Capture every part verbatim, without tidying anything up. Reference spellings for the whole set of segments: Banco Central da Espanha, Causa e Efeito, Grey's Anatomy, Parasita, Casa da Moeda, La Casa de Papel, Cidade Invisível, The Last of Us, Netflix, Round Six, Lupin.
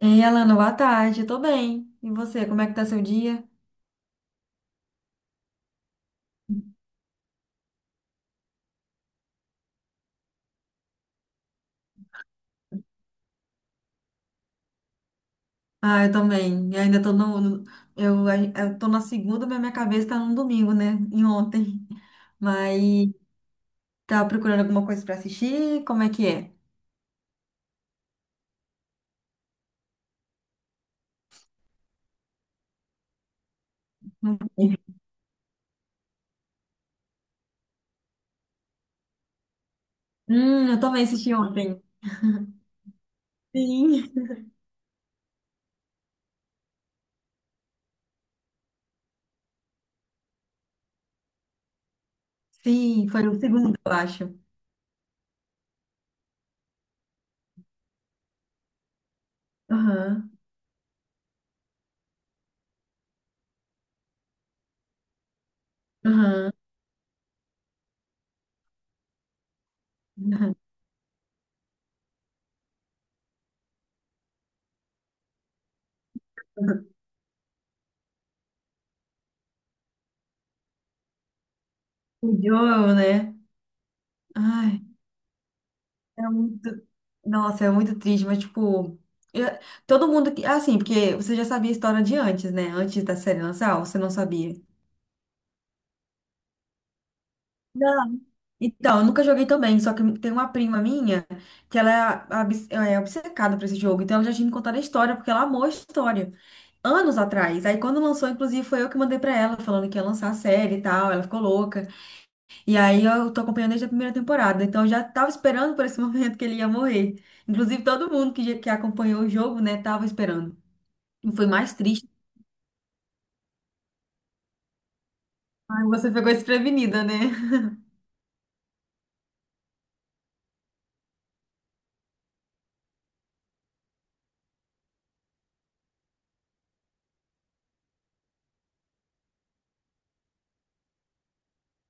Ei, Alana, boa tarde. Tô bem. E você, como é que tá seu dia? Ah, eu também. Eu ainda tô no, no- eu, eu tô na segunda, mas minha cabeça tá no domingo, né? Em ontem. Mas tá procurando alguma coisa pra assistir? Como é que é? Não sei. Hum, eu também assisti ontem. Sim. Sim, foi o segundo, eu acho. Aham. Aham. Aham. O Joel, né? Ai. É muito. Nossa, é muito triste, mas tipo. eu- Todo mundo que. Assim, porque você já sabia a história de antes, né? Antes da série lançar, ou você não sabia? Não. Então, eu nunca joguei também, só que tem uma prima minha que ela é abs- ela é obcecada por esse jogo, então ela já tinha me contado a história, porque ela amou a história. Anos atrás. Aí quando lançou, inclusive, foi eu que mandei pra ela, falando que ia lançar a série e tal, ela ficou louca. E aí eu tô acompanhando desde a primeira temporada, então eu já tava esperando por esse momento que ele ia morrer. Inclusive todo mundo que, que acompanhou o jogo, né, tava esperando. E foi mais triste, mas você ficou desprevenida, né?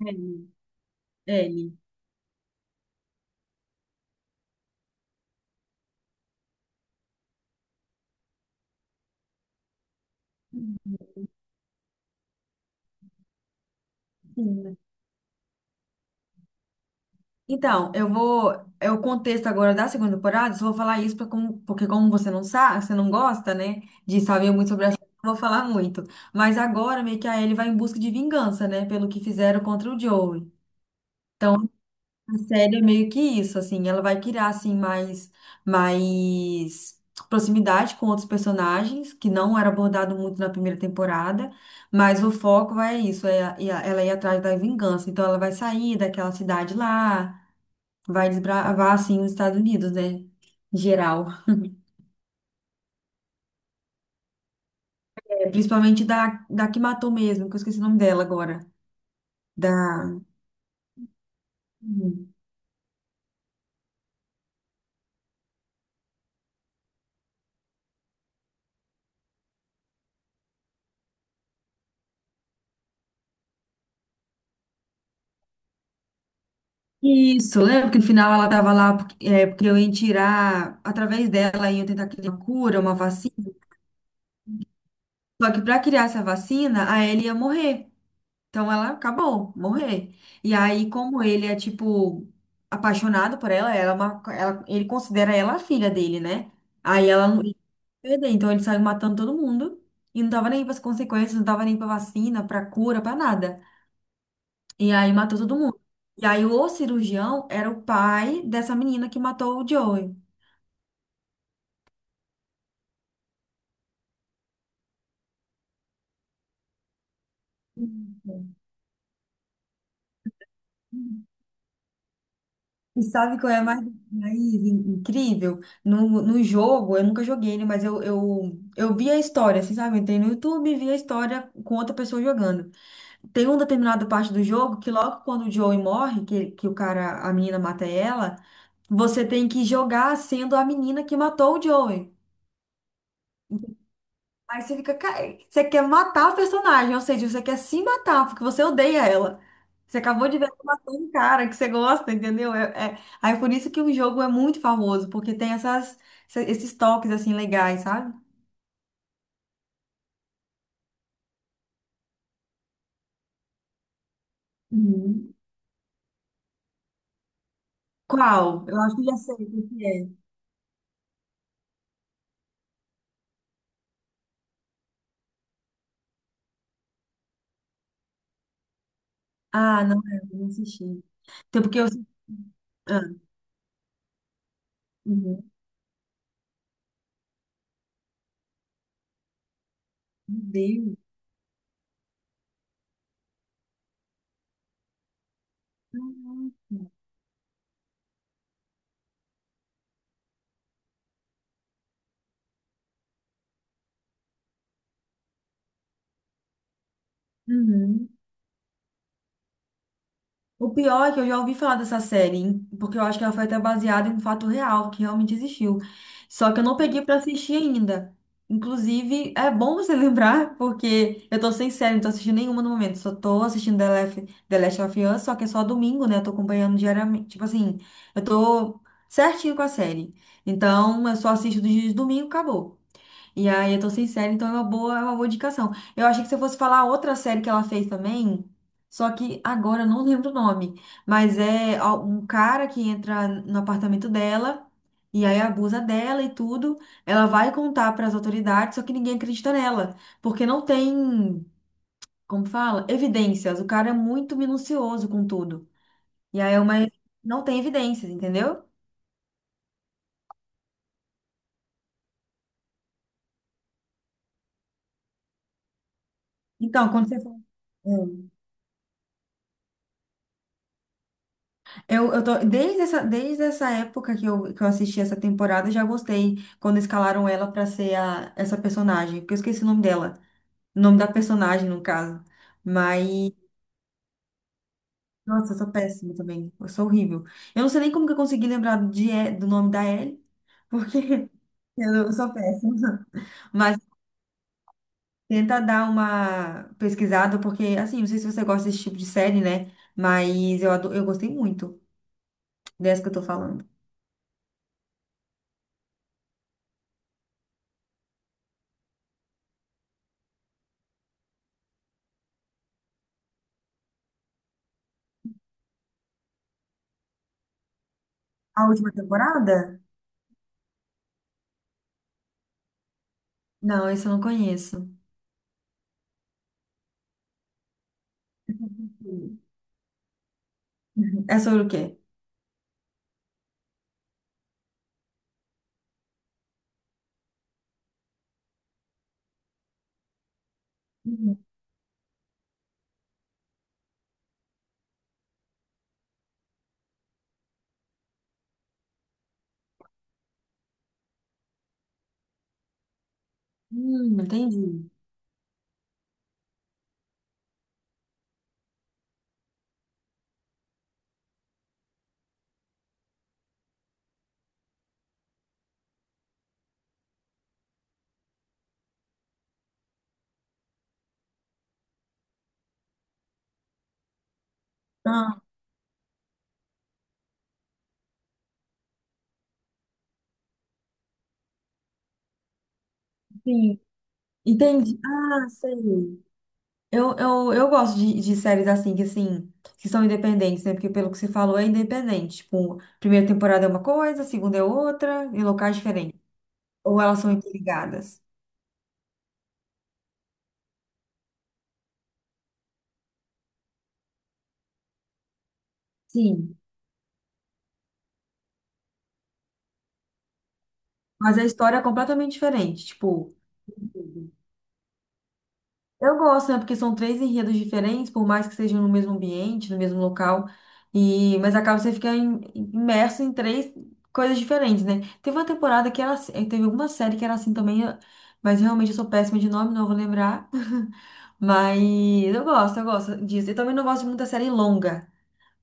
Ele. Ele. Sim. Então, eu vou. É o contexto agora da segunda temporada, só vou falar isso pra como, porque, como você não sabe, você não gosta, né, de saber muito sobre a série, eu não vou falar muito. Mas agora meio que a Ellie vai em busca de vingança, né, pelo que fizeram contra o Joey. Então a série é meio que isso, assim, ela vai criar, assim, mais, mais proximidade com outros personagens, que não era abordado muito na primeira temporada, mas o foco vai isso, é, a- e a- ela ir atrás da vingança, então ela vai sair daquela cidade lá, vai desbravar, assim, os Estados Unidos, né, em geral. É, principalmente da, da que matou mesmo, que eu esqueci o nome dela agora, da... Uhum. Isso, lembra que no final ela tava lá porque, é, porque eu ia tirar, através dela, iam tentar criar uma cura, uma vacina. Só que para criar essa vacina, a Ellie ia morrer. Então ela acabou, morrer. E aí, como ele é, tipo, apaixonado por ela, ela, é uma- ela- ele considera ela a filha dele, né? Aí ela não ia perder. Então ele saiu matando todo mundo. E não tava nem para as consequências, não tava nem para vacina, para cura, para nada. E aí matou todo mundo. E aí o cirurgião era o pai dessa menina que matou o Joey. Uhum. E sabe qual é a mais mais incrível? No, no jogo, eu nunca joguei, né? Mas eu, eu, eu vi a história, assim, sabe? Eu entrei no YouTube e vi a história com outra pessoa jogando. Tem uma determinada parte do jogo que logo quando o Joey morre, que, que o cara, a menina mata ela, você tem que jogar sendo a menina que matou o Joey. Aí você fica. ca- Você quer matar a personagem, ou seja, você quer se matar porque você odeia ela. Você acabou de ver ela matando um cara que você gosta, entendeu? É, é- Aí é por isso que o jogo é muito famoso, porque tem essas, essa- esses toques assim legais, sabe? Uhum. Qual? Eu acho que já sei o que é. Ah, não, é, eu não assisti. Então, porque eu. Ah, uhum. Meu Deus. Caraca. Uhum. O pior é que eu já ouvi falar dessa série, hein? Porque eu acho que ela foi até baseada em um fato real que realmente existiu. Só que eu não peguei pra assistir ainda. Inclusive, é bom você lembrar, porque eu tô sem série, não tô assistindo nenhuma no momento. Só tô assistindo The Lef- The Last of Us, só que é só domingo, né? Eu tô acompanhando diariamente. Tipo assim, eu tô certinho com a série. Então, eu só assisto dos dias de domingo, acabou. E aí, eu tô sem série, então é uma boa, é uma boa indicação. Eu achei que você fosse falar outra série que ela fez também, só que agora eu não lembro o nome. Mas é al- um cara que entra no apartamento dela e aí abusa dela e tudo. Ela vai contar pras autoridades, só que ninguém acredita nela, porque não tem, como fala, evidências. O cara é muito minucioso com tudo. E aí é uma, não tem evidências, entendeu? Então, quando você for- Eu, eu tô, desde essa, desde essa época que eu, que eu assisti essa temporada, eu já gostei quando escalaram ela pra ser a, essa personagem, porque eu esqueci o nome dela, o nome da personagem, no caso. Mas, nossa, eu sou péssima também, eu sou horrível. Eu não sei nem como que eu consegui lembrar de, E- do nome da Ellie, porque eu, não- eu sou péssima. Mas tenta dar uma pesquisada, porque, assim, não sei se você gosta desse tipo de série, né? Mas eu, ado- eu gostei muito dessa que eu tô falando. A última temporada? Não, esse eu não conheço. Uhum. É sobre o quê? Uhum. Hum, entendi. Ah, sim. Entendi. Ah, sei. Eu, eu, eu gosto de, de séries assim, que assim, que são independentes, né? Porque pelo que você falou, é independente. Tipo, primeira temporada é uma coisa, segunda é outra, em locais diferentes. Ou elas são interligadas. Sim. Mas a história é completamente diferente. Tipo, eu gosto, né? Porque são três enredos diferentes, por mais que sejam no mesmo ambiente, no mesmo local, e mas acaba você ficar im- imerso em três coisas diferentes, né? Teve uma temporada que era assim, eh, teve alguma série que era assim também, eu- mas realmente eu sou péssima de nome, não vou lembrar. Mas eu gosto, eu gosto disso. Eu também não gosto de muita série longa,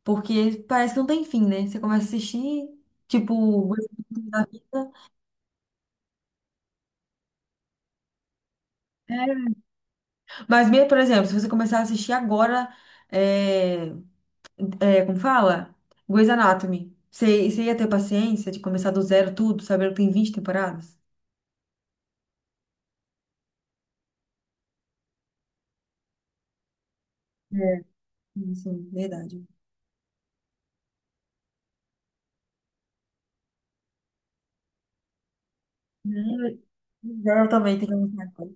porque parece que não tem fim, né? Você começa a assistir, tipo, gosta da vida. Mas mesmo, por exemplo, se você começar a assistir agora, eh, é, como fala? Grey's Anatomy. Você você ia ter paciência de começar do zero tudo, saber que tem vinte temporadas? É. Sim, verdade. Hum, Eu também tenho que almoçar agora.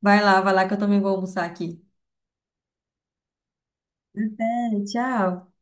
Vai lá, vai lá que eu também vou almoçar aqui. Até, tchau.